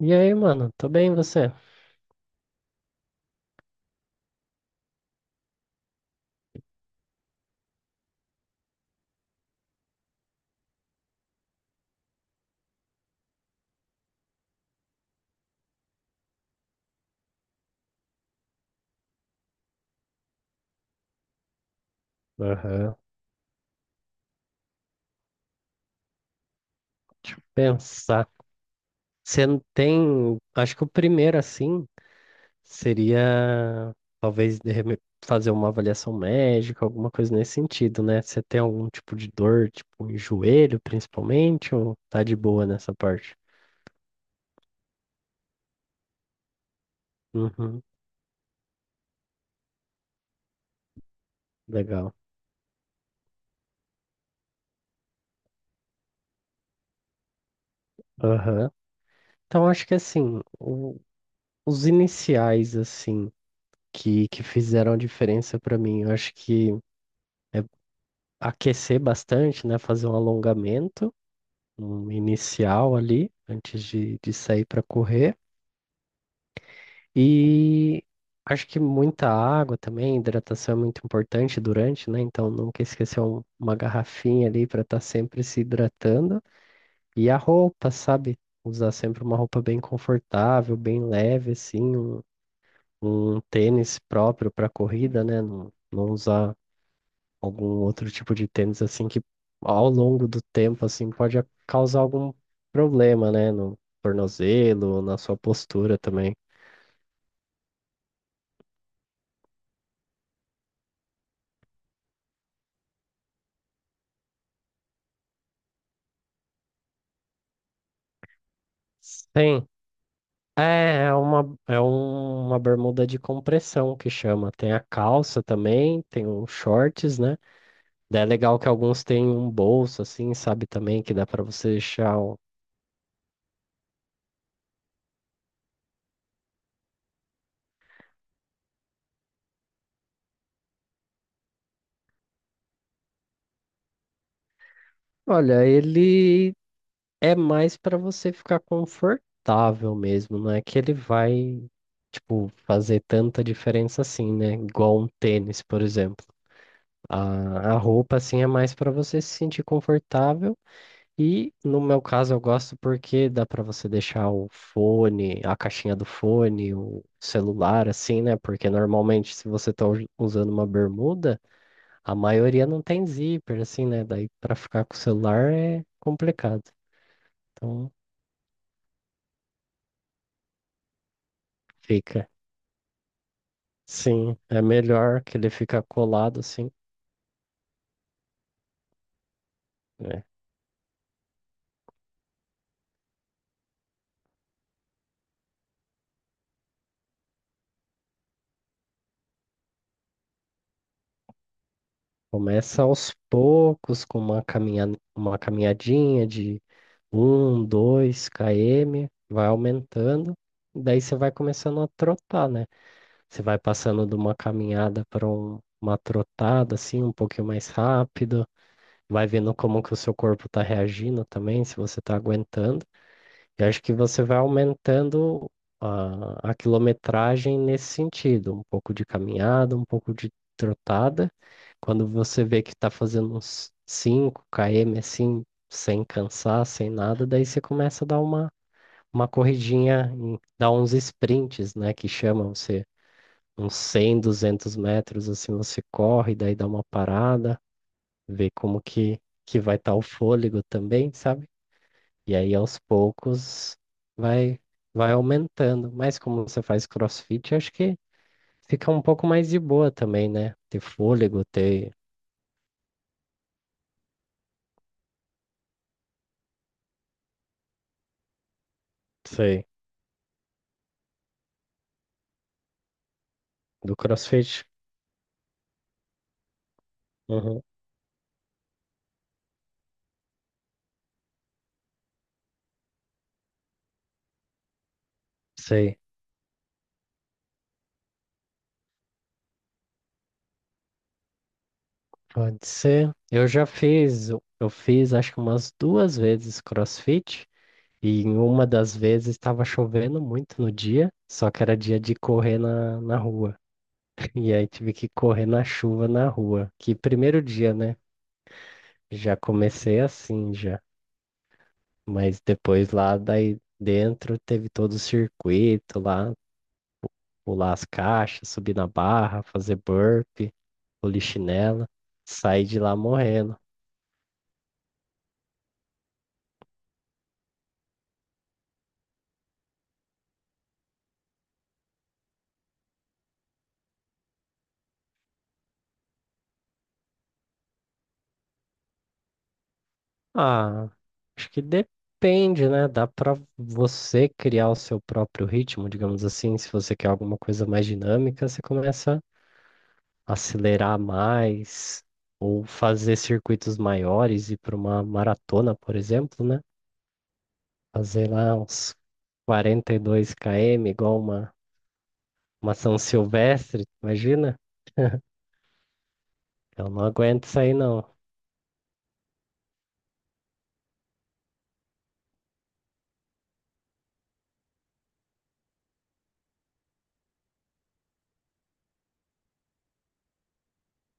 E aí, mano? Tô bem, você? Aham. Deixa eu pensar. Você não tem. Acho que o primeiro, assim, seria talvez de fazer uma avaliação médica, alguma coisa nesse sentido, né? Você tem algum tipo de dor, tipo em joelho, principalmente, ou tá de boa nessa parte? Uhum. Legal. Aham. Então, acho que assim, os iniciais, assim, que fizeram diferença pra mim, eu acho que é aquecer bastante, né? Fazer um alongamento, um inicial ali, antes de sair para correr. E acho que muita água também, hidratação é muito importante durante, né? Então nunca esquecer uma garrafinha ali para estar sempre se hidratando. E a roupa, sabe? Usar sempre uma roupa bem confortável, bem leve, assim, um tênis próprio para corrida, né? Não, não usar algum outro tipo de tênis assim que ao longo do tempo assim pode causar algum problema, né, no tornozelo, na sua postura também. Sim, é uma uma bermuda de compressão que chama. Tem a calça também, tem os shorts, né? Daí é legal que alguns têm um bolso assim, sabe também que dá pra você deixar. Olha, ele é mais pra você ficar confortável mesmo, não é que ele vai, tipo, fazer tanta diferença assim, né? Igual um tênis, por exemplo. A roupa, assim, é mais pra você se sentir confortável. E no meu caso eu gosto porque dá pra você deixar o fone, a caixinha do fone, o celular, assim, né? Porque normalmente se você tá usando uma bermuda, a maioria não tem zíper, assim, né? Daí pra ficar com o celular é complicado. Então fica. Sim, é melhor que ele fica colado assim, né? Começa aos poucos com uma caminhadinha de um 2 km, vai aumentando, daí você vai começando a trotar, né? Você vai passando de uma caminhada para uma trotada assim, um pouquinho mais rápido, vai vendo como que o seu corpo está reagindo também, se você está aguentando. Eu acho que você vai aumentando a quilometragem nesse sentido, um pouco de caminhada, um pouco de trotada. Quando você vê que está fazendo uns 5 km assim, sem cansar, sem nada, daí você começa a dar uma corridinha, dar uns sprints, né, que chama você uns 100 200 metros, assim você corre, daí dá uma parada, vê como que vai estar o fôlego também, sabe? E aí aos poucos vai vai aumentando. Mas como você faz CrossFit, acho que fica um pouco mais de boa também, né? Ter fôlego, ter, sei, do CrossFit. Uhum. Sei. Pode ser. Eu fiz acho que umas duas vezes CrossFit. E em uma das vezes estava chovendo muito no dia, só que era dia de correr na rua. E aí tive que correr na chuva na rua. Que primeiro dia, né? Já comecei assim, já. Mas depois lá daí dentro teve todo o circuito lá, pular as caixas, subir na barra, fazer burpee, polichinela, sair de lá morrendo. Ah, acho que depende, né? Dá pra você criar o seu próprio ritmo, digamos assim, se você quer alguma coisa mais dinâmica, você começa a acelerar mais ou fazer circuitos maiores e para uma maratona, por exemplo, né? Fazer lá uns 42 km, igual uma São Silvestre, imagina? Eu não aguento isso aí, não.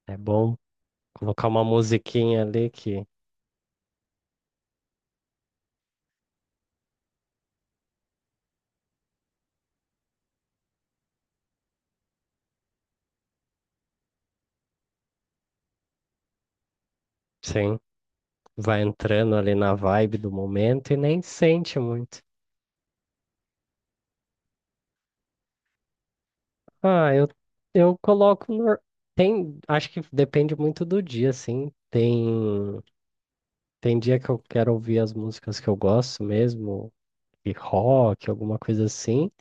É bom colocar uma musiquinha ali que, sim, vai entrando ali na vibe do momento e nem sente muito. Ah, eu coloco. Acho que depende muito do dia, assim. Tem dia que eu quero ouvir as músicas que eu gosto mesmo, e rock, alguma coisa assim.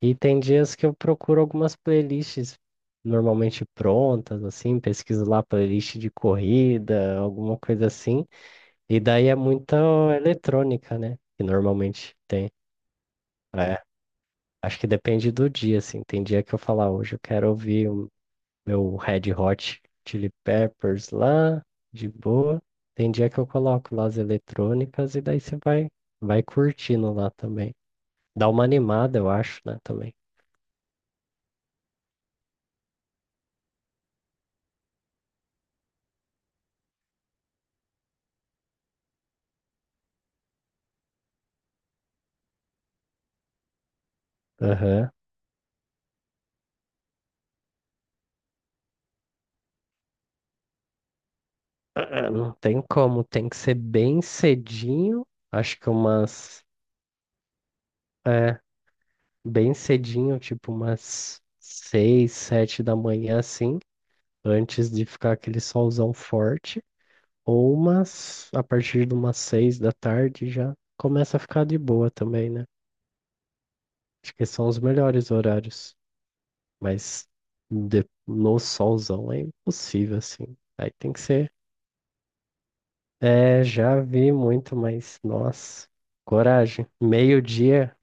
E tem dias que eu procuro algumas playlists normalmente prontas, assim, pesquiso lá playlist de corrida, alguma coisa assim. E daí é muita eletrônica, né? Que normalmente tem. É, acho que depende do dia, assim. Tem dia que eu falo, "Ah, hoje eu quero ouvir o meu Red Hot Chili Peppers lá, de boa." Tem dia que eu coloco lá as eletrônicas e daí você vai curtindo lá também. Dá uma animada, eu acho, né, também. Aham. É, não tem como, tem que ser bem cedinho. Acho que umas. É, bem cedinho, tipo umas seis, sete da manhã, assim, antes de ficar aquele solzão forte. Ou umas. A partir de umas seis da tarde já começa a ficar de boa também, né? Acho que são os melhores horários. Mas no solzão é impossível, assim. Aí tem que ser. É, já vi muito, mas nossa, coragem. Meio-dia.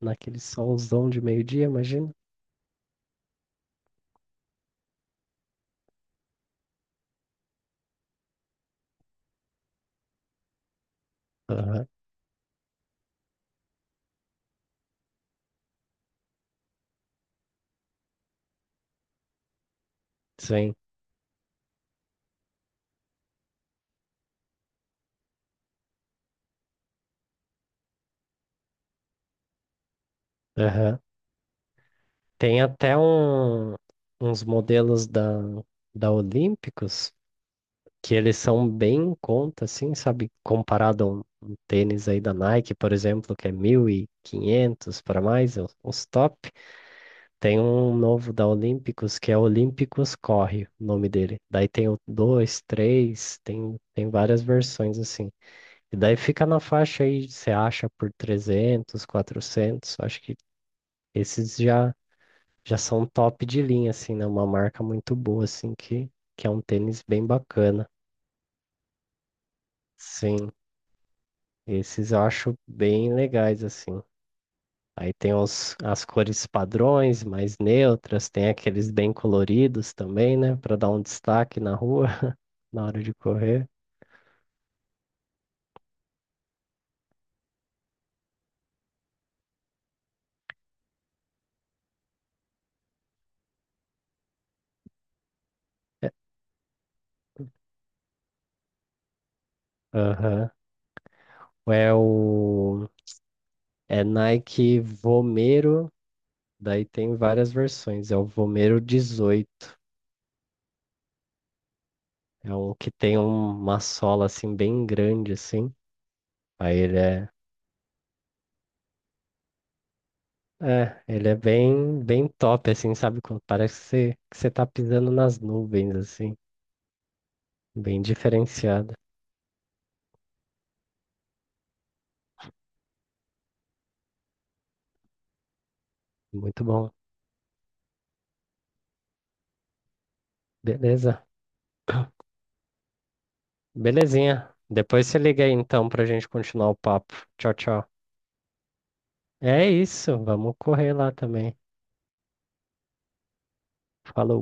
Naquele solzão de meio-dia, imagina? Aham, sim. Aham. Tem até um, uns modelos da Olímpicos que eles são bem em conta, assim, sabe? Comparado a um tênis aí da Nike, por exemplo, que é 1.500 para mais, os top. Tem um novo da Olímpicos que é Olímpicos Corre, o nome dele. Daí tem o 2, 3, tem várias versões assim. E daí fica na faixa aí, você acha por 300, 400. Acho que esses já são top de linha, assim, né? Uma marca muito boa, assim, que é um tênis bem bacana. Sim, esses eu acho bem legais, assim. Aí tem as cores padrões, mais neutras, tem aqueles bem coloridos também, né? Pra dar um destaque na rua, na hora de correr. É. Aham. É o. É Nike Vomero. Daí tem várias versões. É o Vomero 18. É um que tem uma sola assim bem grande assim. Aí ele é bem, bem top assim, sabe? Quando Parece que você tá pisando nas nuvens assim, bem diferenciado. Muito bom. Beleza. Belezinha. Depois você liga aí então pra gente continuar o papo. Tchau, tchau. É isso, vamos correr lá também. Falou.